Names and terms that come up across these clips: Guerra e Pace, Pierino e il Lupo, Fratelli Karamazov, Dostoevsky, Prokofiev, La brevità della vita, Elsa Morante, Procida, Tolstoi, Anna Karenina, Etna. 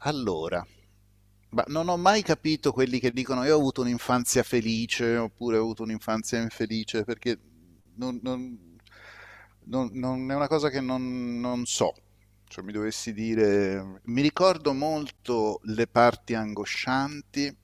Allora, ma non ho mai capito quelli che dicono io ho avuto un'infanzia felice oppure ho avuto un'infanzia infelice, perché non, non- è una cosa che non so. Cioè, mi dovessi dire, mi ricordo molto le parti angoscianti,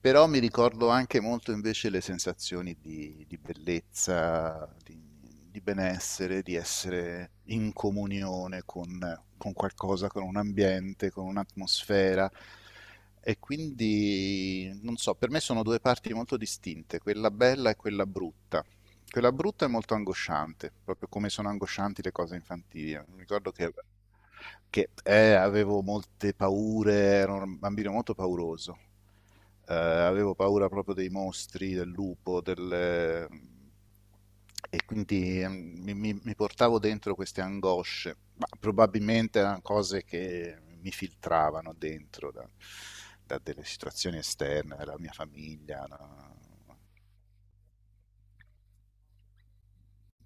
però mi ricordo anche molto invece le sensazioni di bellezza, di benessere, di essere in comunione con qualcosa, con un ambiente, con un'atmosfera. E quindi, non so, per me sono due parti molto distinte, quella bella e quella brutta. Quella brutta è molto angosciante, proprio come sono angoscianti le cose infantili. Mi ricordo che avevo molte paure, ero un bambino molto pauroso. Avevo paura proprio dei mostri, del lupo, del... E quindi mi portavo dentro queste angosce, ma probabilmente erano cose che mi filtravano dentro da, da delle situazioni esterne, dalla mia famiglia, no?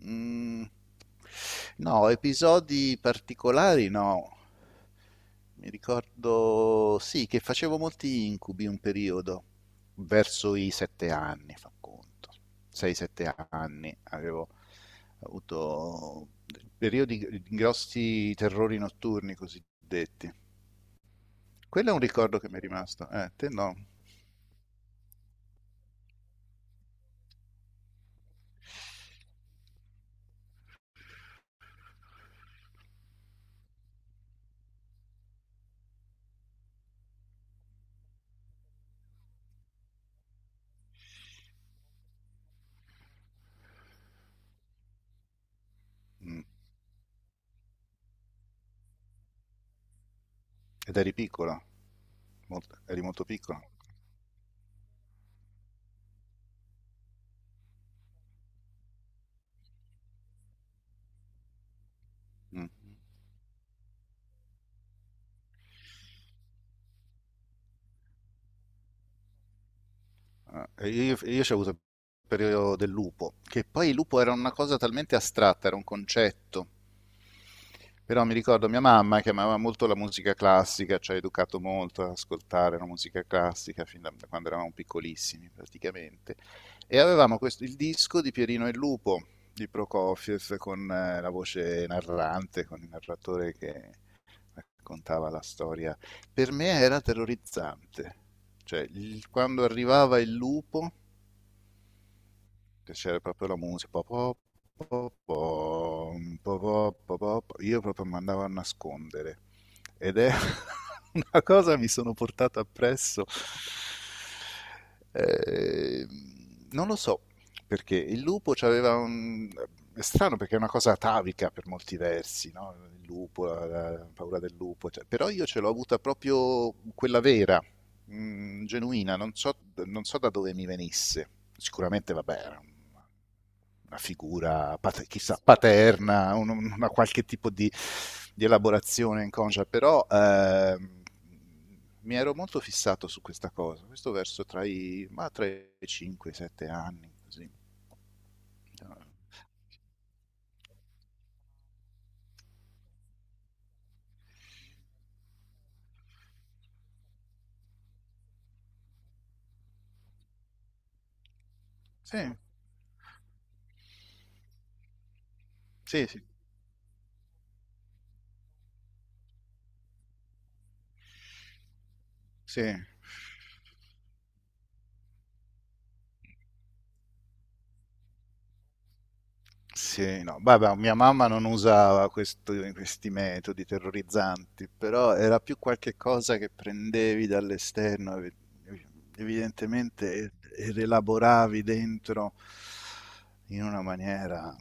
Mm, no, episodi particolari no. Mi ricordo, sì, che facevo molti incubi un periodo, verso i 7 anni, fa conto. 6-7 anni avevo avuto periodi di grossi terrori notturni cosiddetti. Quello è un ricordo che mi è rimasto. Te no. Mm. Ed eri piccolo, eri molto piccolo. Mm. Io ci ho avuto il periodo del lupo, che poi il lupo era una cosa talmente astratta, era un concetto. Però mi ricordo mia mamma che amava molto la musica classica, ci ha educato molto ad ascoltare la musica classica fin da quando eravamo piccolissimi praticamente. E avevamo il disco di Pierino e il Lupo di Prokofiev con la voce narrante, con il narratore che raccontava la storia. Per me era terrorizzante. Cioè, quando arrivava il lupo piacere proprio la musica. Io proprio mi andavo a nascondere ed è una cosa che mi sono portato appresso. Eh, non lo so perché il lupo c'aveva un... È strano perché è una cosa atavica per molti versi, no? Il lupo, la paura del lupo, cioè, però io ce l'ho avuta proprio quella vera, genuina, non so, non so da dove mi venisse. Sicuramente, vabbè, una figura chissà paterna, una qualche tipo di elaborazione inconscia, però mi ero molto fissato su questa cosa, questo verso tra i 5 e i 7 anni, così. Sì, sì, sì, sì, sì, no, vabbè, mia mamma non usava questi metodi terrorizzanti, però era più qualche cosa che prendevi dall'esterno, evidentemente, e rielaboravi dentro in una maniera,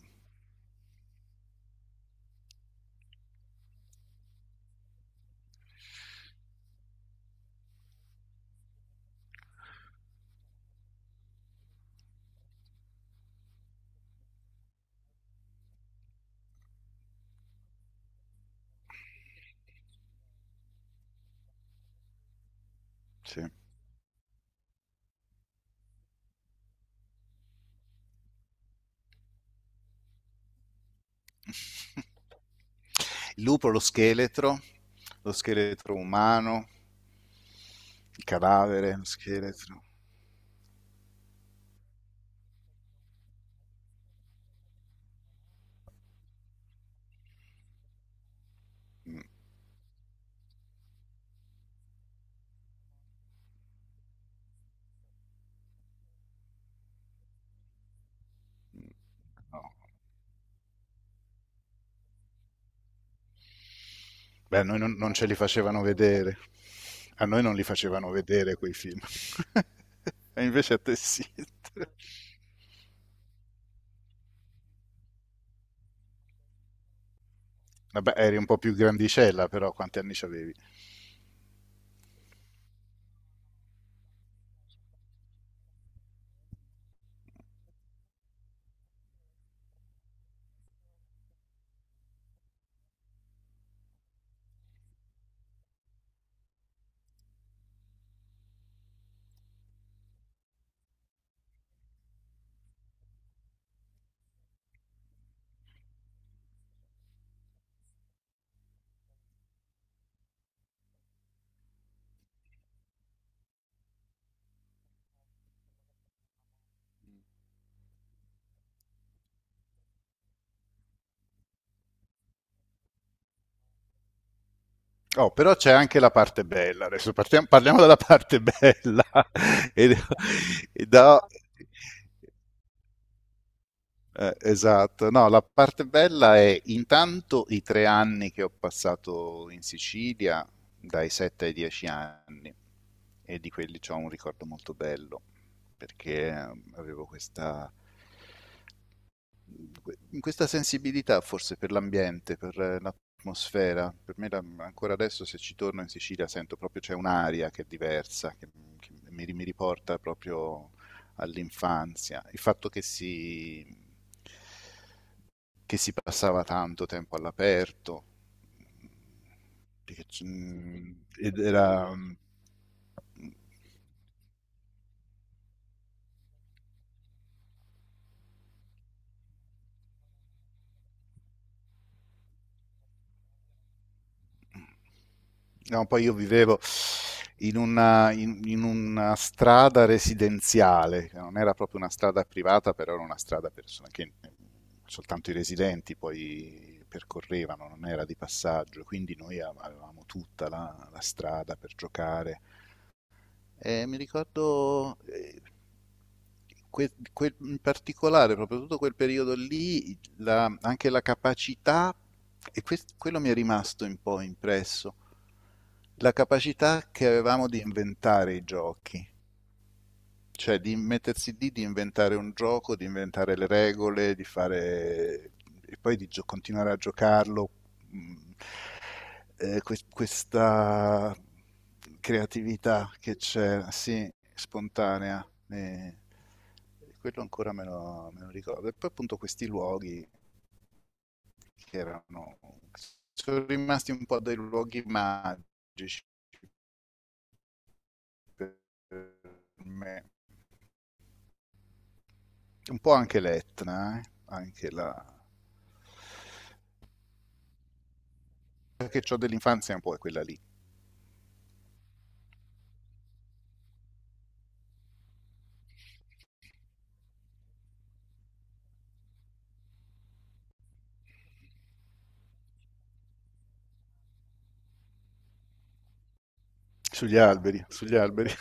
sì. Il lupo, lo scheletro umano, il cadavere, lo scheletro. Mm, mm, no. Beh, a noi non, non ce li facevano vedere. A noi non li facevano vedere quei film. E invece a te sì. Vabbè, eri un po' più grandicella, però quanti anni avevi? Oh, però c'è anche la parte bella. Adesso parliamo della parte bella. e, e da- esatto, no, la parte bella è intanto i 3 anni che ho passato in Sicilia, dai 7 ai 10 anni, e di quelli ho un ricordo molto bello, perché avevo questa, questa sensibilità forse per l'ambiente, per l'atmosfera. Per me ancora adesso se ci torno in Sicilia sento proprio c'è un'aria che è diversa, che mi riporta proprio all'infanzia. Il fatto che si passava tanto tempo all'aperto, perché ed era... Mm, no, poi io vivevo in in una strada residenziale, che non era proprio una strada privata, però era una strada che mm, soltanto i residenti poi percorrevano, non era di passaggio, quindi avevamo tutta la strada per giocare. Mi ricordo in particolare, proprio tutto quel periodo lì, anche la capacità, e quello mi è rimasto un po' impresso, la capacità che avevamo di inventare i giochi. Cioè di mettersi lì, di inventare un gioco, di inventare le regole, di fare... E poi di continuare a giocarlo. Mm, questa creatività che c'è, sì, spontanea. Eh, quello ancora me lo ricordo. E poi appunto questi luoghi che erano... Sono rimasti un po' dei luoghi magici per me. Un po' anche l'Etna, anche la che ho dell'infanzia un po' è quella lì. Sugli alberi, sugli alberi.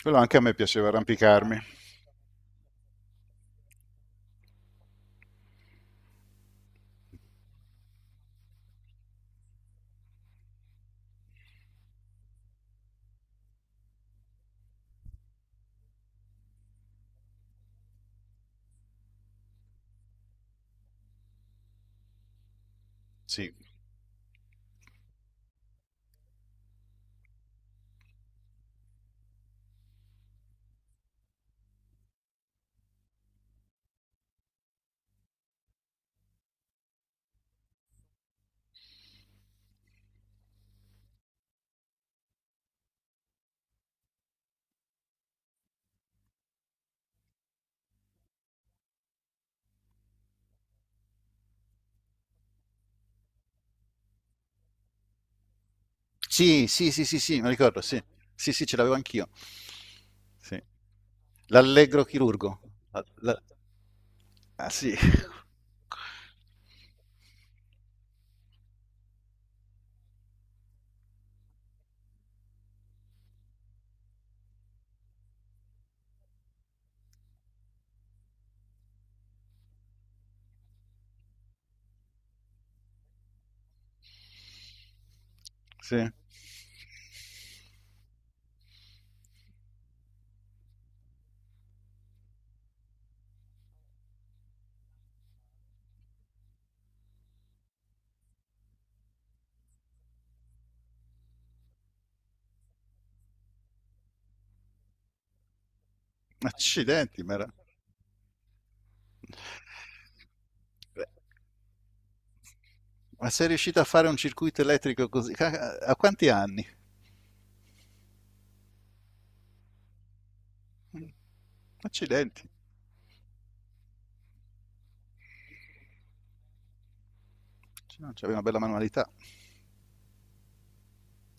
Quello anche a me piaceva arrampicarmi. Sì. Sì, sì, sì, sì, sì, mi ricordo, sì. Sì, sì, ce l'avevo anch'io. Sì. L'allegro chirurgo. La- la- Ah, sì. Sì. Accidenti, ma, ma sei riuscito a fare un circuito elettrico così? A quanti anni? Accidenti. Cioè, no, c'aveva una bella manualità.